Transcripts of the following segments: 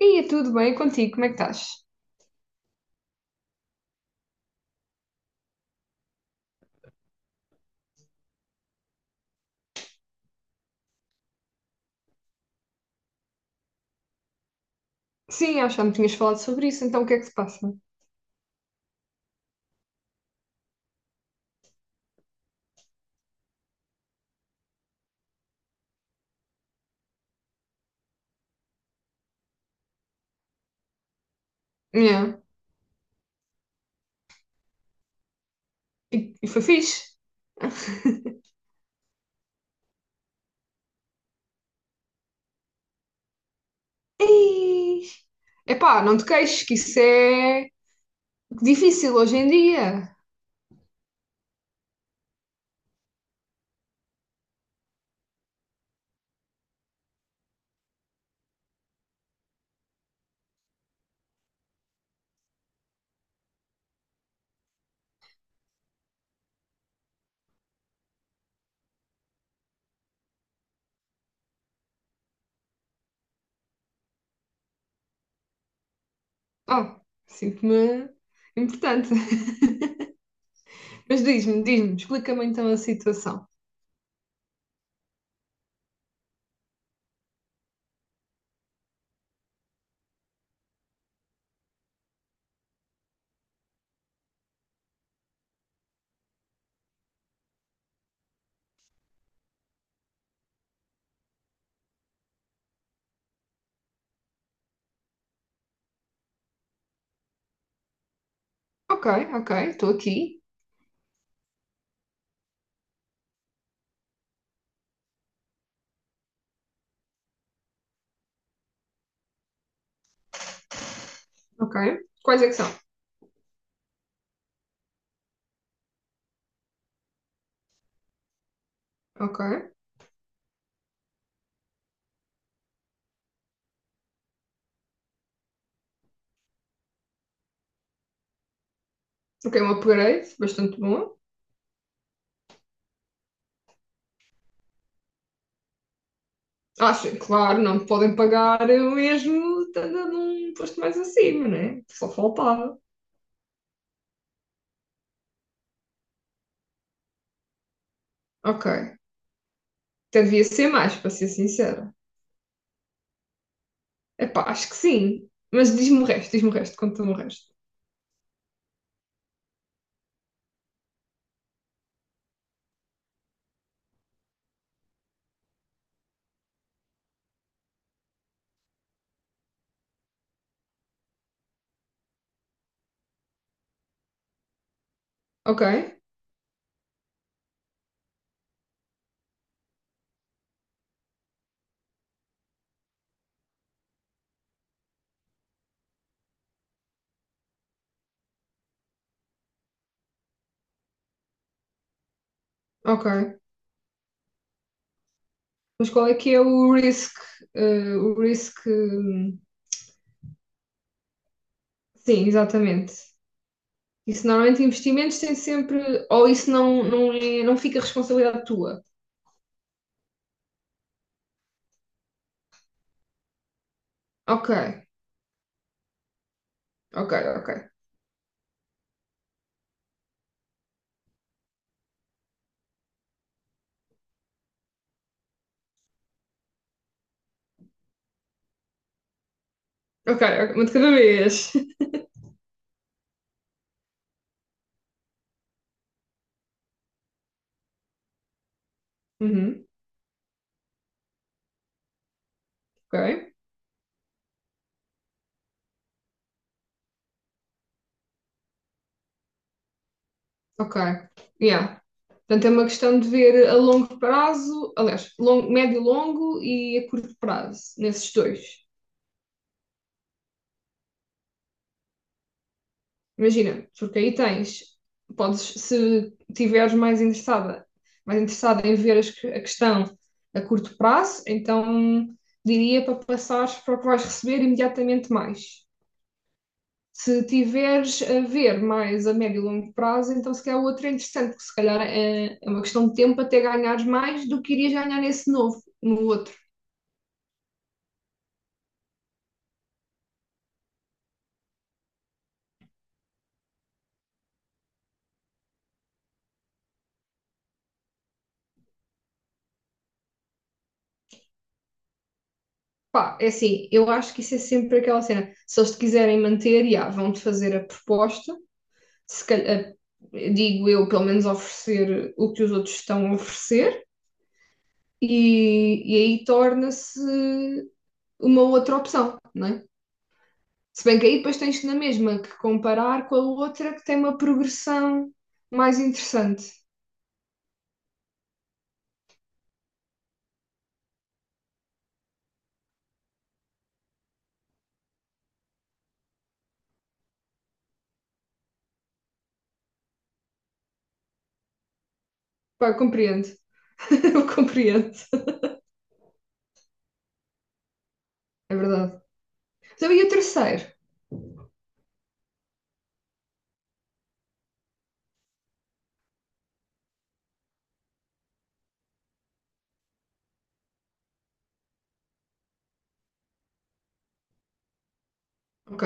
Ia tudo bem contigo, como é que estás? Sim, acho que já me tinhas falado sobre isso, então o que é que se passa? Yeah. E foi fixe. Ei! Epá, não te queixes, que isso é difícil hoje em dia. Oh, sinto-me importante. Mas diz-me, diz-me, explica-me então a situação. Ok, ok, estou aqui. Ok. Quais é que são? Ok. Ok, um upgrade, bastante bom. Acho, claro, não me podem pagar eu mesmo, estando num posto mais acima, né? Só faltava. Ok. Devia ser mais, para ser sincera. Epá, acho que sim. Mas diz-me o resto, conta-me o resto. Ok, ok. Mas qual é que é o risk? O risk. Sim, exatamente. Isso normalmente investimentos tem sempre. Ou isso não, não, é, não fica responsabilidade tua. Ok, ok, ok. Ok, ok, uma de cada vez. Uhum, ok, ok. Yeah. Portanto, é uma questão de ver a longo prazo, aliás, longo, médio e longo e a curto prazo, nesses dois. Imagina, porque aí tens, podes, se tiveres mais interessada em ver as que- a questão a curto prazo, então diria para passares para o que vais receber imediatamente mais. Se tiveres a ver mais a médio e longo prazo, então se calhar o outro é interessante, porque se calhar é, é uma questão de tempo até ganhares mais do que irias ganhar nesse novo, no outro. Pá, é assim, eu acho que isso é sempre aquela cena. Se eles te quiserem manter, já, vão-te fazer a proposta se calhar, digo eu, pelo menos oferecer o que os outros estão a oferecer, e aí torna-se uma outra opção, não é? Se bem que aí depois tens na mesma que comparar com a outra que tem uma progressão mais interessante. Pá, eu compreendo. Eu compreendo. É verdade. Então, e o terceiro? Ok,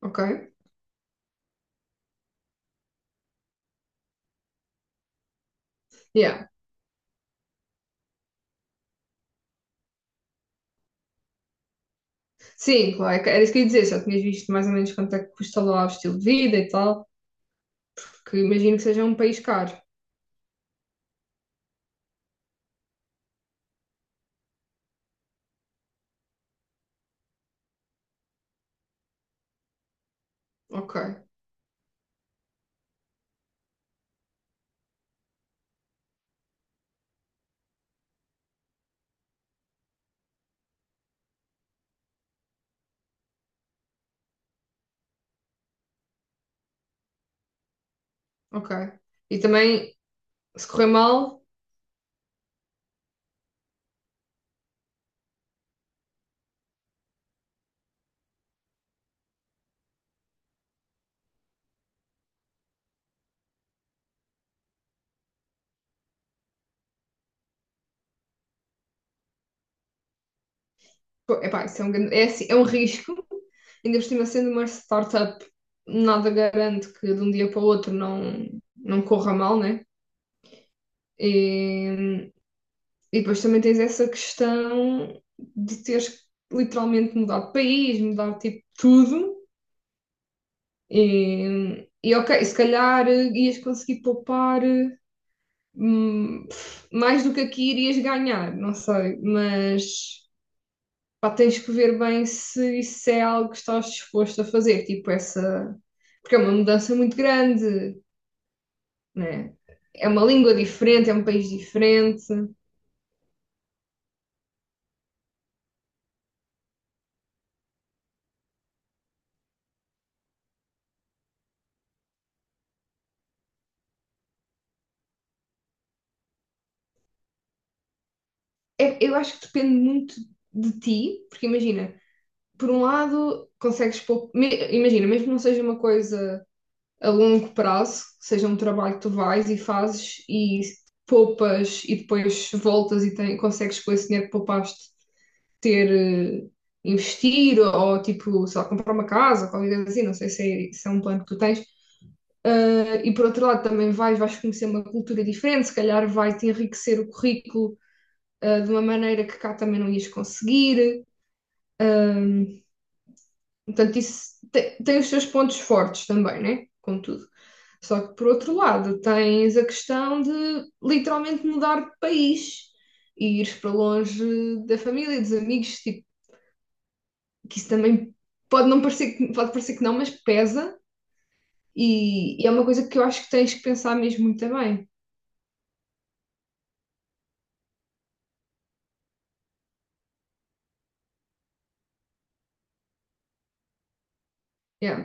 ok. Yeah. Sim, claro, era isso que eu ia dizer. Já tinhas visto mais ou menos quanto é que custa lá o estilo de vida e tal, porque imagino que seja um país caro. Ok. Ok. E também, se correr mal, pô, epá, isso é um, grande- é, assim, é um risco. Ainda por cima, sendo uma startup, nada garante que de um dia para o outro não, não corra mal, né? E, e depois também tens essa questão de teres literalmente mudado de país, mudar tipo tudo. E ok, se calhar ias conseguir poupar hum, mais do que aqui irias ganhar, não sei, mas. Pá, tens que ver bem se isso é algo que estás disposto a fazer, tipo essa. Porque é uma mudança muito grande, né? É uma língua diferente, é um país diferente. É- eu acho que depende muito de ti, porque imagina, por um lado, consegues pôr. Me- Imagina, mesmo que não seja uma coisa a longo prazo, seja um trabalho que tu vais e fazes e poupas e depois voltas e tem- consegues pôr esse dinheiro que poupaste ter, eh, investir ou tipo, sei lá, comprar uma casa, ou qualquer coisa assim, não sei se é, se é um plano que tu tens. Ah, e por outro lado também vais, vais conhecer uma cultura diferente, se calhar vai-te enriquecer o currículo, ah, de uma maneira que cá também não ias conseguir. Ahm, Portanto, isso te- tem, os seus pontos fortes também, né? Contudo. Só que por outro lado tens a questão de literalmente mudar de país e ires para longe da família, dos amigos, tipo, que isso também pode não parecer, que- pode parecer que não, mas pesa e é uma coisa que eu acho que tens que pensar mesmo muito bem. Yeah.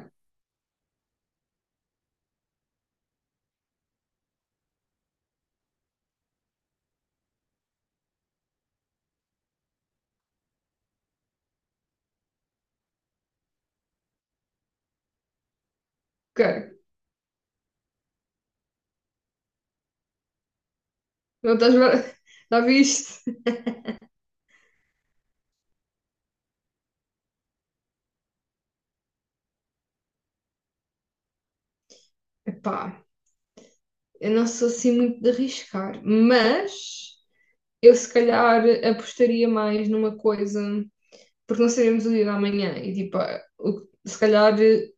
Ok. Não estás bem- Já viste? Epá, eu não sou assim muito de arriscar, mas eu se calhar apostaria mais numa coisa, porque não sabemos o dia da manhã e tipo, ah, o- se calhar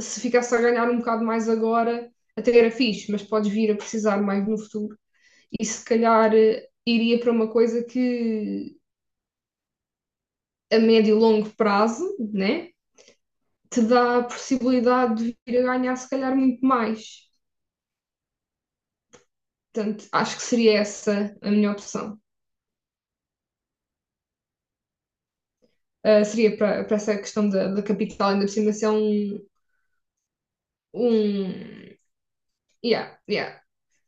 se ficasse a ganhar um bocado mais agora, até era fixe, mas podes vir a precisar mais no futuro. E se calhar iria para uma coisa que a médio e longo prazo, né, te dá a possibilidade de vir a ganhar se calhar muito mais. Portanto, acho que seria essa a minha opção. Seria para para essa questão da, da capital, ainda por cima se é um, um yeah, yeah,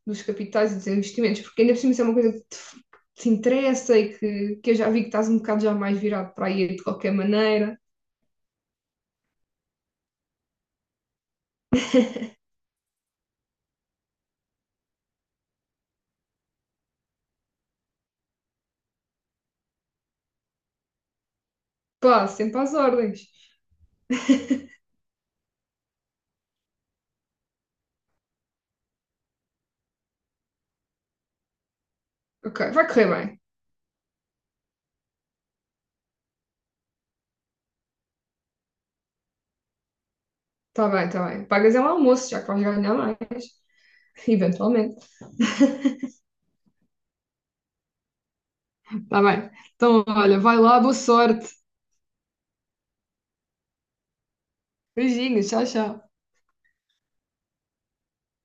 dos capitais e dos investimentos, porque ainda por cima se é uma coisa que te interessa e que eu já vi que estás um bocado já mais virado para aí de qualquer maneira. Pá, sempre às ordens. Ok, vai correr bem. Está bem, está bem. Pagas é um almoço, já que vais ganhar mais, eventualmente. Tá bem. Então, olha, vai lá, boa sorte. Beijinhos, tchau, tchau.